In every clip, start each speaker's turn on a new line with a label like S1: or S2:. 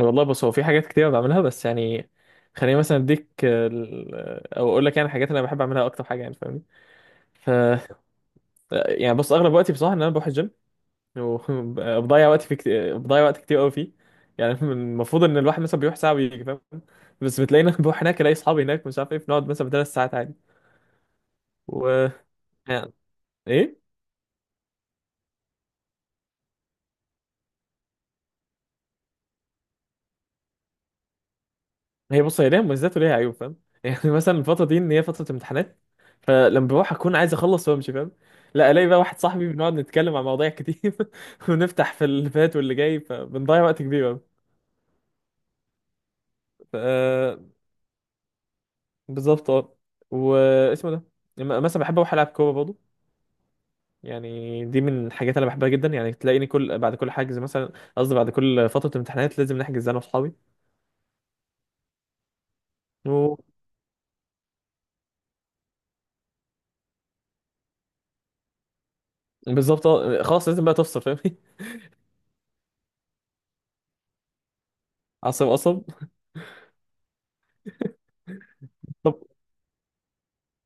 S1: والله بص، هو في حاجات كتير بعملها بس يعني خليني مثلا اديك ال- او اقول لك يعني الحاجات اللي انا بحب اعملها اكتر حاجه يعني فاهمني. ف يعني بص، اغلب وقتي بصراحه ان انا بروح الجيم وبضيع بضيع وقت كتير قوي فيه. يعني المفروض ان الواحد مثلا بيروح ساعه ويجي فاهم. بس بتلاقينا بروح هناك الاقي اصحابي هناك مش عارف ايه، بنقعد مثلا بثلاث ساعات عادي. و يعني ايه هي بص، هي ليها مميزات وليها عيوب فاهم. يعني مثلا الفتره دي ان هي فتره امتحانات، فلما بروح اكون عايز اخلص وامشي فاهم. لا، الاقي بقى واحد صاحبي بنقعد نتكلم عن مواضيع كتير ونفتح في اللي فات واللي جاي، فبنضيع وقت كبير أوي. ف بالظبط اه. واسمه ده مثلا بحب اروح العب كوره برضه. يعني دي من الحاجات اللي انا بحبها جدا، يعني تلاقيني كل بعد كل حجز مثلا قصدي بعد كل فتره امتحانات لازم نحجز انا واصحابي. و- بالظبط اه، خلاص لازم بقى تفصل فاهمني. عصب عصب. طب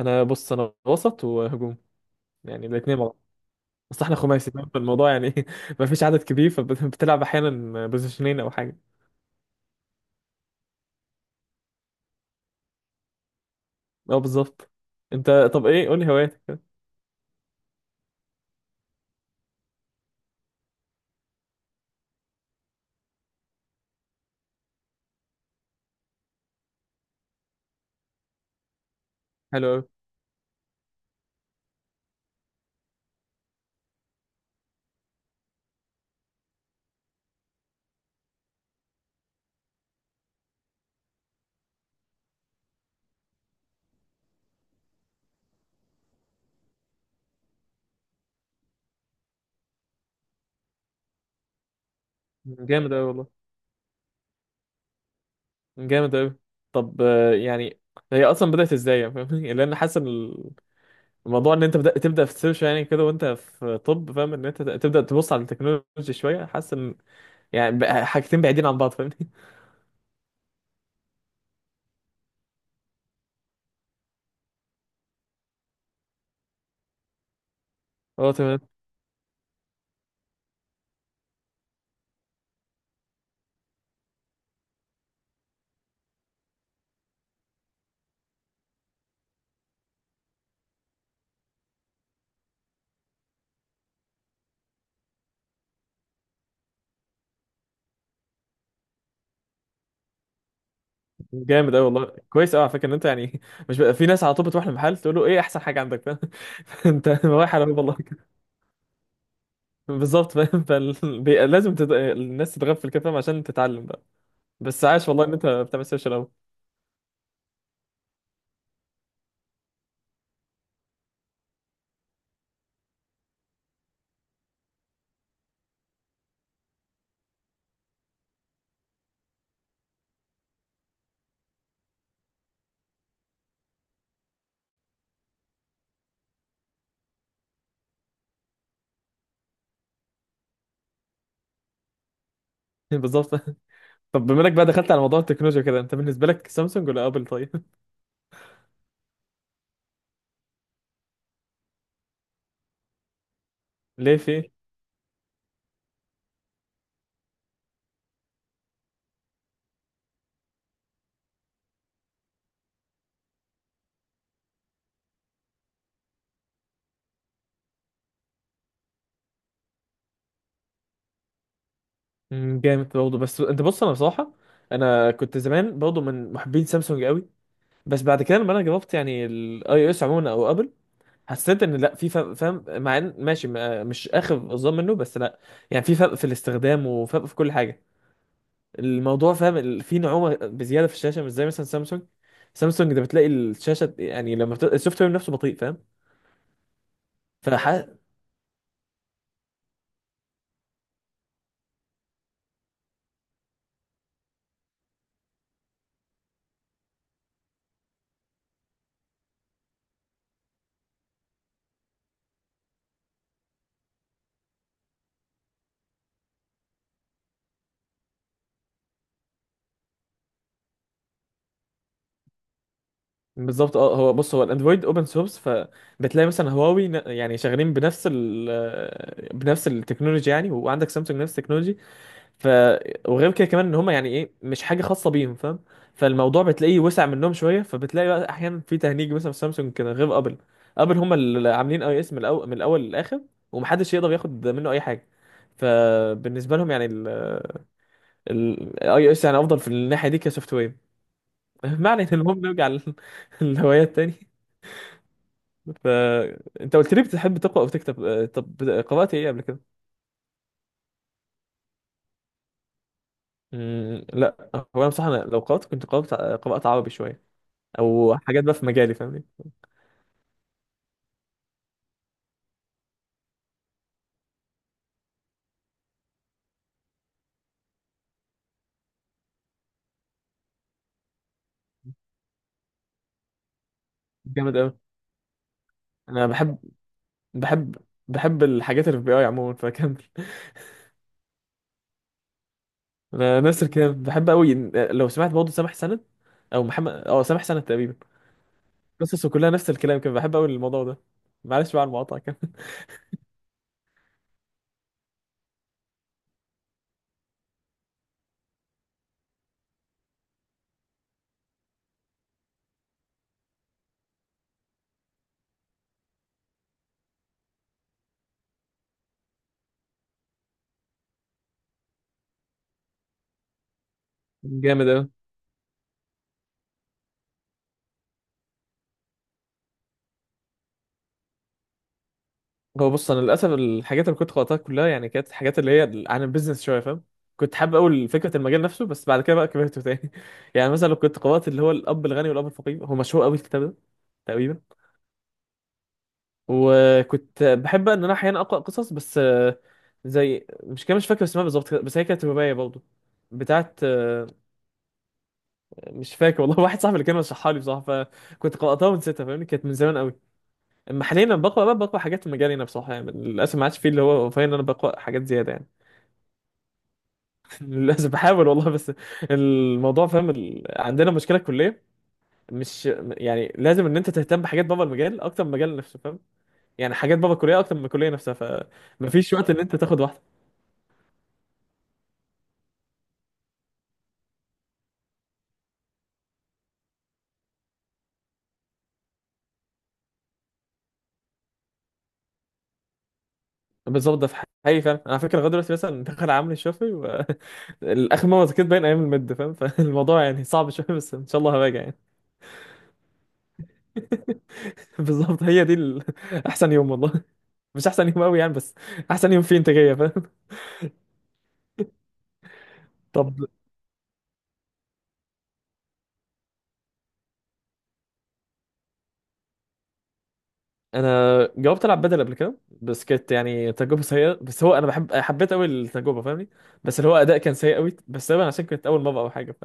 S1: انا وسط وهجوم، يعني الاثنين مع بعض. بس احنا خماسي فاهم؟ فالموضوع يعني ما فيش عدد كبير، فبتلعب احيانا بوزيشنين او حاجه. اه بالظبط. انت طب ايه قول لي هواياتك؟ حلو قوي. جامد قوي والله. جامد قوي. طب آه، يعني هي اصلا بدات ازاي فاهمني؟ لان حاسس إن الموضوع ان انت بدأت تبدا في السيرش يعني كده وانت في طب فاهم، ان انت تبدا تبص على التكنولوجي شويه، حاسس ان يعني بقى حاجتين بعيدين عن بعض فاهمني. اه تمام. جامد قوي والله، كويس قوي على فكره ان انت يعني مش بقى في ناس على طول بتروح المحل تقول له ايه احسن حاجه عندك فاهم. انت رايح على باب الله كده. بالظبط فاهم. لازم الناس تتغفل كده فاهم عشان تتعلم بقى. بس عاش والله ان انت بتعمل سيرش قوي. بالظبط. طب بما انك بقى دخلت على موضوع التكنولوجيا كده، انت بالنسبه لك سامسونج ولا ابل طيب؟ ليه في مم، جامد برضه. بس انت بص، انا بصراحه انا كنت زمان برضه من محبين سامسونج قوي، بس بعد كده لما انا جربت يعني الاي او اس عموما او ابل حسيت ان لا، في فرق فاهم، مع ان ماشي مش اخر الظلم منه، بس لا، يعني في فرق في الاستخدام وفرق في كل حاجه. الموضوع فاهم في نعومه بزياده في الشاشه مش زي مثلا سامسونج. سامسونج ده بتلاقي الشاشه يعني لما السوفت وير نفسه بطيء فاهم. فح بالظبط اه. هو بص، هو الاندرويد اوبن سورس، فبتلاقي مثلا هواوي يعني شغالين بنفس التكنولوجيا، يعني وعندك سامسونج نفس التكنولوجي. ف وغير كده كمان ان هم يعني ايه مش حاجه خاصه بيهم فاهم. فالموضوع بتلاقيه وسع منهم شويه، فبتلاقي بقى احيانا في تهنيج مثلا في سامسونج كده غير ابل. ابل هم اللي عاملين اي اس من الاول للاخر، ومحدش يقدر ياخد منه اي حاجه. فبالنسبه لهم يعني الاي او اس يعني افضل في الناحيه دي كسوفت وير. معنى ان المهم نرجع للهوايات تاني. فانت قلت لي بتحب تقرا او تكتب آه، طب قرات ايه قبل كده؟ مم، لا. هو انا بصراحه أنا لو قرات كنت قرات عربي شويه، او حاجات بقى في مجالي فاهمني. جامد قوي. انا بحب بحب الحاجات اللي في بي اي عموما، فكمل. انا نفس الكلام، بحب قوي. لو سمعت برضه سامح سند، او محمد اه سامح سند تقريبا، قصصه كلها نفس الكلام كده، بحب قوي الموضوع ده. معلش بقى على المقاطعه كده. جامد قوي. هو بص انا للاسف الحاجات اللي كنت قرأتها كلها يعني كانت حاجات اللي هي عن البيزنس شويه فاهم. كنت حابب اقول فكره المجال نفسه بس بعد كده بقى كبرته تاني. يعني مثلا لو كنت قرأت اللي هو الاب الغني والاب الفقير، هو مشهور قوي الكتاب ده تقريبا. وكنت بحب ان انا احيانا اقرا قصص بس آه، زي مش كده مش فاكر اسمها بالظبط، بس هي كانت روايه برضه بتاعت آه، مش فاكر والله. واحد صاحبي اللي كان رشحها لي بصراحه، فكنت قراتها ونسيتها فاهمني، كانت من زمان قوي. اما حاليا لما بقرا بقى بقرا حاجات في مجالي انا بصراحه، يعني للاسف ما عادش فيه اللي هو فاهم ان انا بقرا حاجات زياده يعني. للاسف بحاول والله، بس الموضوع فاهم عندنا مشكله كليه، مش يعني لازم ان انت تهتم بحاجات بابا المجال اكتر من المجال نفسه فاهم. يعني حاجات بابا الكليه اكتر من الكليه نفسها، فمفيش وقت ان انت تاخد واحده. بالظبط ده في حقيقي فاهم. انا على فكره لغايه دلوقتي مثلا دخل عامل الشافعي الاخر مره ذاكرت باين ايام المد فاهم. فالموضوع يعني صعب شويه، بس ان شاء الله هراجع يعني. بالظبط، هي دي احسن يوم والله. مش احسن يوم قوي يعني، بس احسن يوم فيه انتاجيه فاهم. طب انا جربت العب بدل قبل كده، بس كانت يعني تجربه سيئه، بس هو انا حبيت قوي التجربه فاهمني، بس اللي هو اداء كان سيء قوي، بس تقريبا عشان كانت اول مره او حاجه.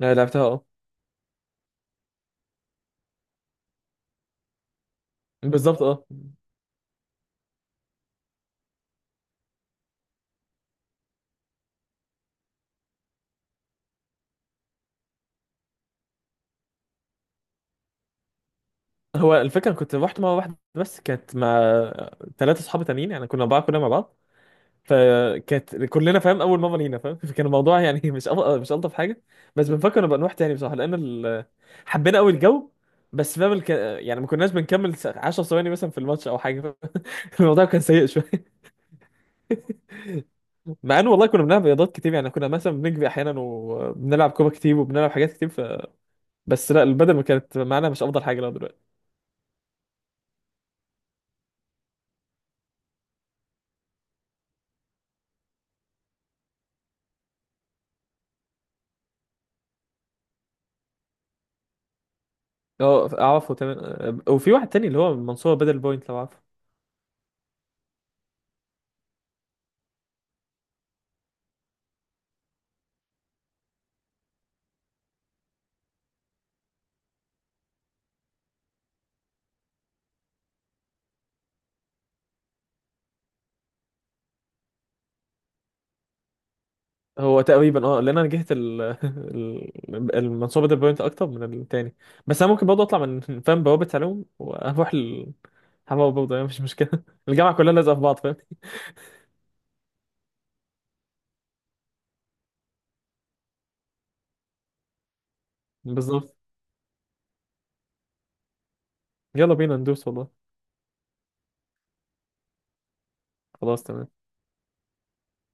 S1: أنا لعبتها اه. بالظبط اه. هو الفكره كنت رحت مره واحده بس كانت مع ثلاثه اصحاب تانيين، يعني كنا اربعه كلنا مع بعض، فكانت كلنا فاهم اول مره لينا فاهم. فكان الموضوع يعني مش الطف حاجه. بس بنفكر نبقى نروح تاني بصراحه لان حبينا قوي الجو. بس فاهم يعني ما كناش بنكمل 10 ثواني مثلا في الماتش او حاجه. الموضوع كان سيء شويه. مع ان والله كنا بنلعب رياضات كتير يعني، كنا مثلا بنجري احيانا وبنلعب كوره كتير وبنلعب حاجات كتير بس لا، البدل ما كانت معانا مش افضل حاجه لو دلوقتي. اه اعرفه تمام، وفي واحد تاني اللي هو منصور بدل بوينت لو عارفه. هو تقريبا اه، لان انا جهت المنصوبه دي بوينت اكتر من التاني، بس انا ممكن برضه اطلع من فاهم بوابه علوم واروح حماوة برضه يعني مش مشكله. الجامعه كلها لازقه في بعض فاهم. بالظبط. يلا بينا ندوس والله. خلاص تمام.